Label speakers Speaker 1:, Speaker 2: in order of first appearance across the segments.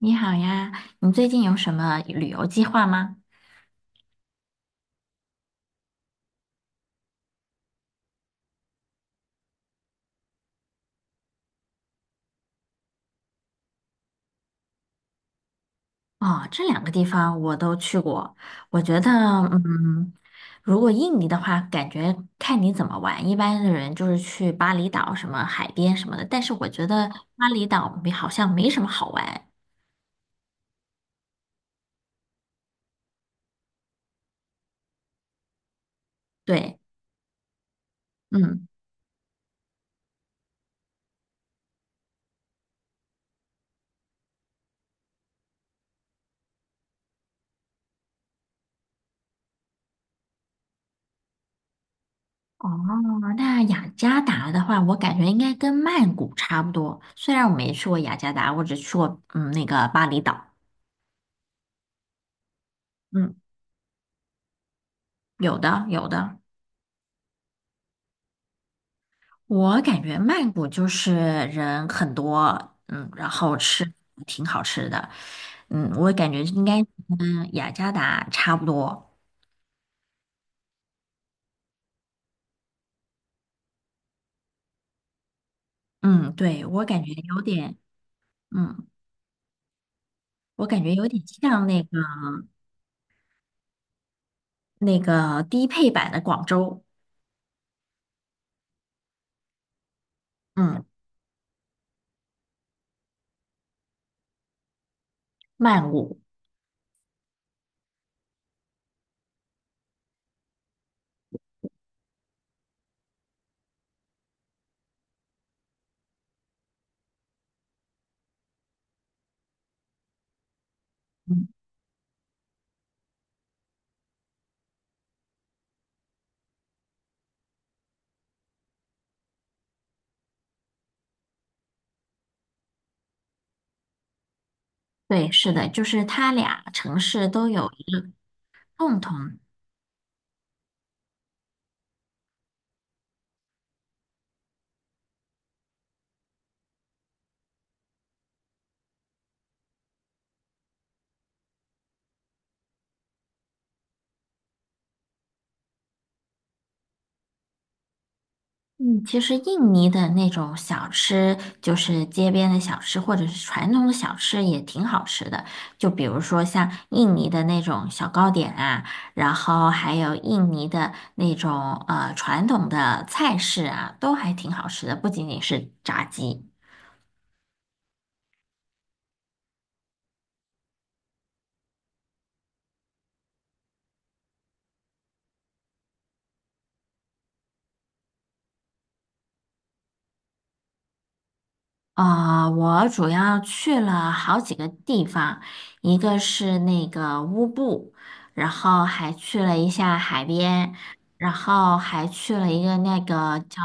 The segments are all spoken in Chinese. Speaker 1: 你好呀，你最近有什么旅游计划吗？哦，这两个地方我都去过，我觉得，嗯，如果印尼的话，感觉看你怎么玩。一般的人就是去巴厘岛、什么海边什么的，但是我觉得巴厘岛没好像没什么好玩。对。嗯，哦，那雅加达的话，我感觉应该跟曼谷差不多。虽然我没去过雅加达，我只去过那个巴厘岛。嗯，有的，有的。我感觉曼谷就是人很多，嗯，然后吃挺好吃的，嗯，我感觉应该跟雅加达差不多，嗯，对，我感觉有点，嗯，我感觉有点像那个低配版的广州。嗯，曼谷。嗯，对，是的，就是它俩城市都有一个共同。嗯，其实印尼的那种小吃，就是街边的小吃，或者是传统的小吃，也挺好吃的。就比如说像印尼的那种小糕点啊，然后还有印尼的那种传统的菜式啊，都还挺好吃的，不仅仅是炸鸡。啊、我主要去了好几个地方，一个是那个乌布，然后还去了一下海边，然后还去了一个那个叫，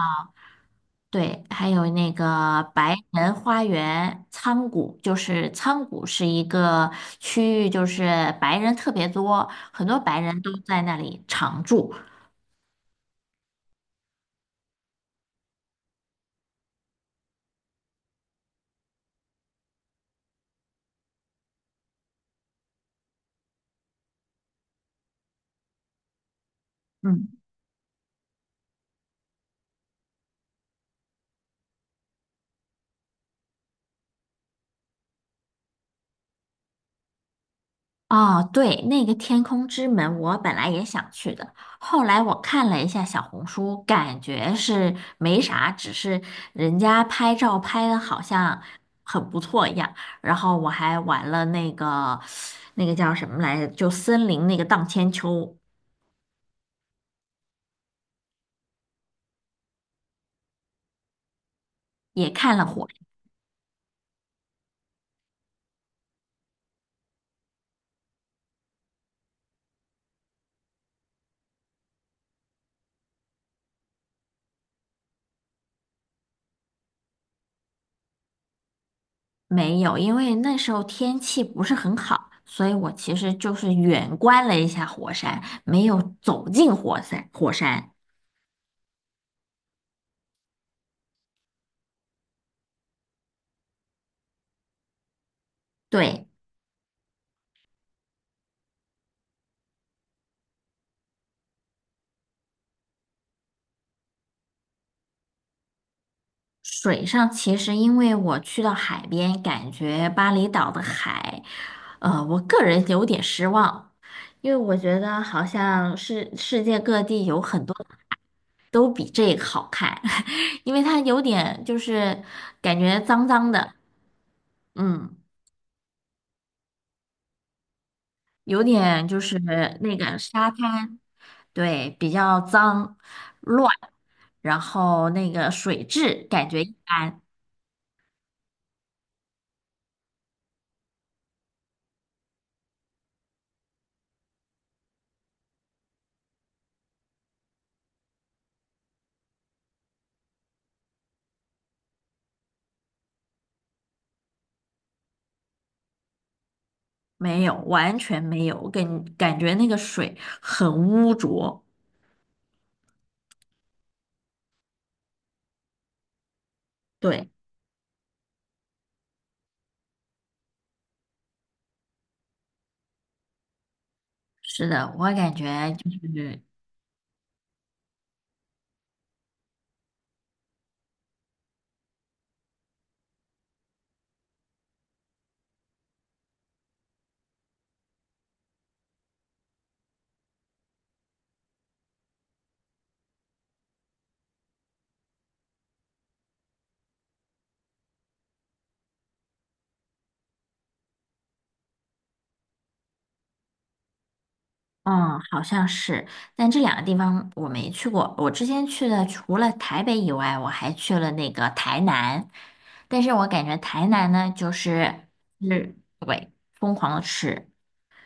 Speaker 1: 对，还有那个白人花园仓谷，就是仓谷是一个区域，就是白人特别多，很多白人都在那里常住。嗯。哦，对，那个天空之门，我本来也想去的，后来我看了一下小红书，感觉是没啥，只是人家拍照拍的好像很不错一样。然后我还玩了那个那个叫什么来着，就森林那个荡千秋，也看了火。没有，因为那时候天气不是很好，所以我其实就是远观了一下火山，没有走进火山。对。水上其实因为我去到海边，感觉巴厘岛的海，我个人有点失望，因为我觉得好像是世界各地有很多都比这个好看，因为它有点就是感觉脏脏的。嗯，有点就是那个沙滩，对，比较脏乱，然后那个水质感觉一般。没有，完全没有，感觉那个水很污浊。对，是的，我感觉就是。嗯，好像是，但这两个地方我没去过。我之前去的除了台北以外，我还去了那个台南，但是我感觉台南呢，就是对，疯狂的吃，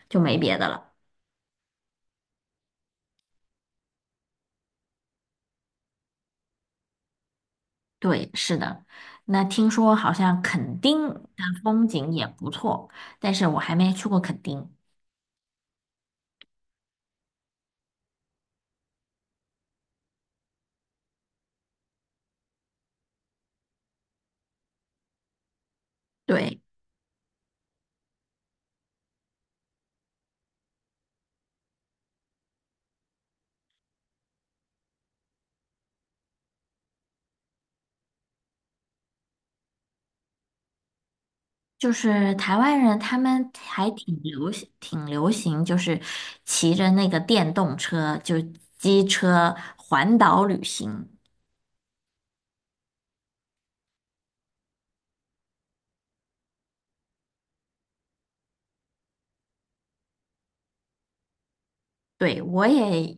Speaker 1: 就没别的了。对，是的。那听说好像垦丁的风景也不错，但是我还没去过垦丁。对。就是台湾人，他们还挺流行，就是骑着那个电动车，就机车环岛旅行。对，我也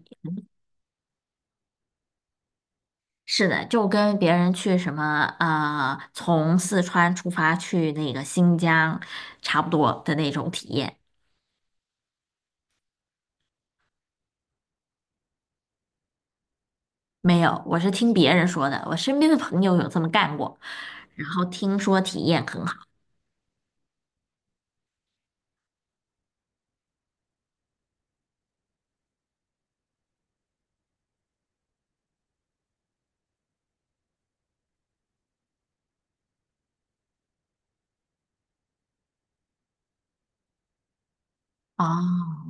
Speaker 1: 是的，就跟别人去什么从四川出发去那个新疆，差不多的那种体验。没有，我是听别人说的，我身边的朋友有这么干过，然后听说体验很好。哦，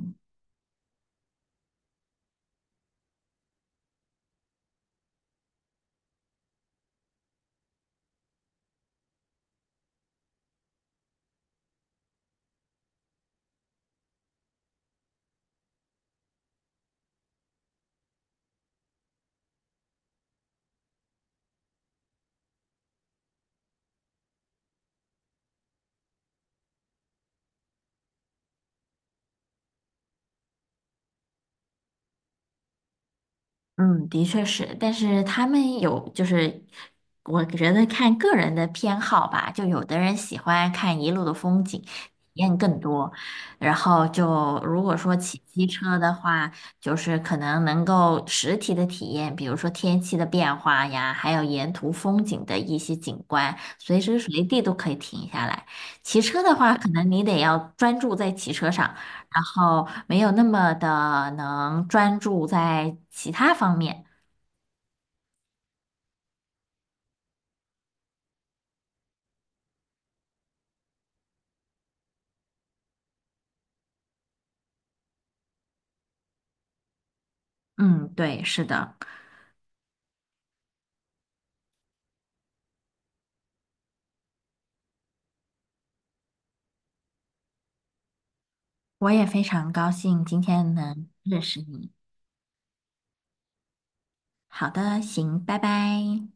Speaker 1: 嗯，的确是，但是他们有就是，我觉得看个人的偏好吧，就有的人喜欢看一路的风景，体验更多，然后就如果说骑机车的话，就是可能能够实体的体验，比如说天气的变化呀，还有沿途风景的一些景观，随时随地都可以停下来。骑车的话，可能你得要专注在骑车上。然后没有那么的能专注在其他方面。嗯，对，是的，我也非常高兴今天能认识你。好的，行，拜拜。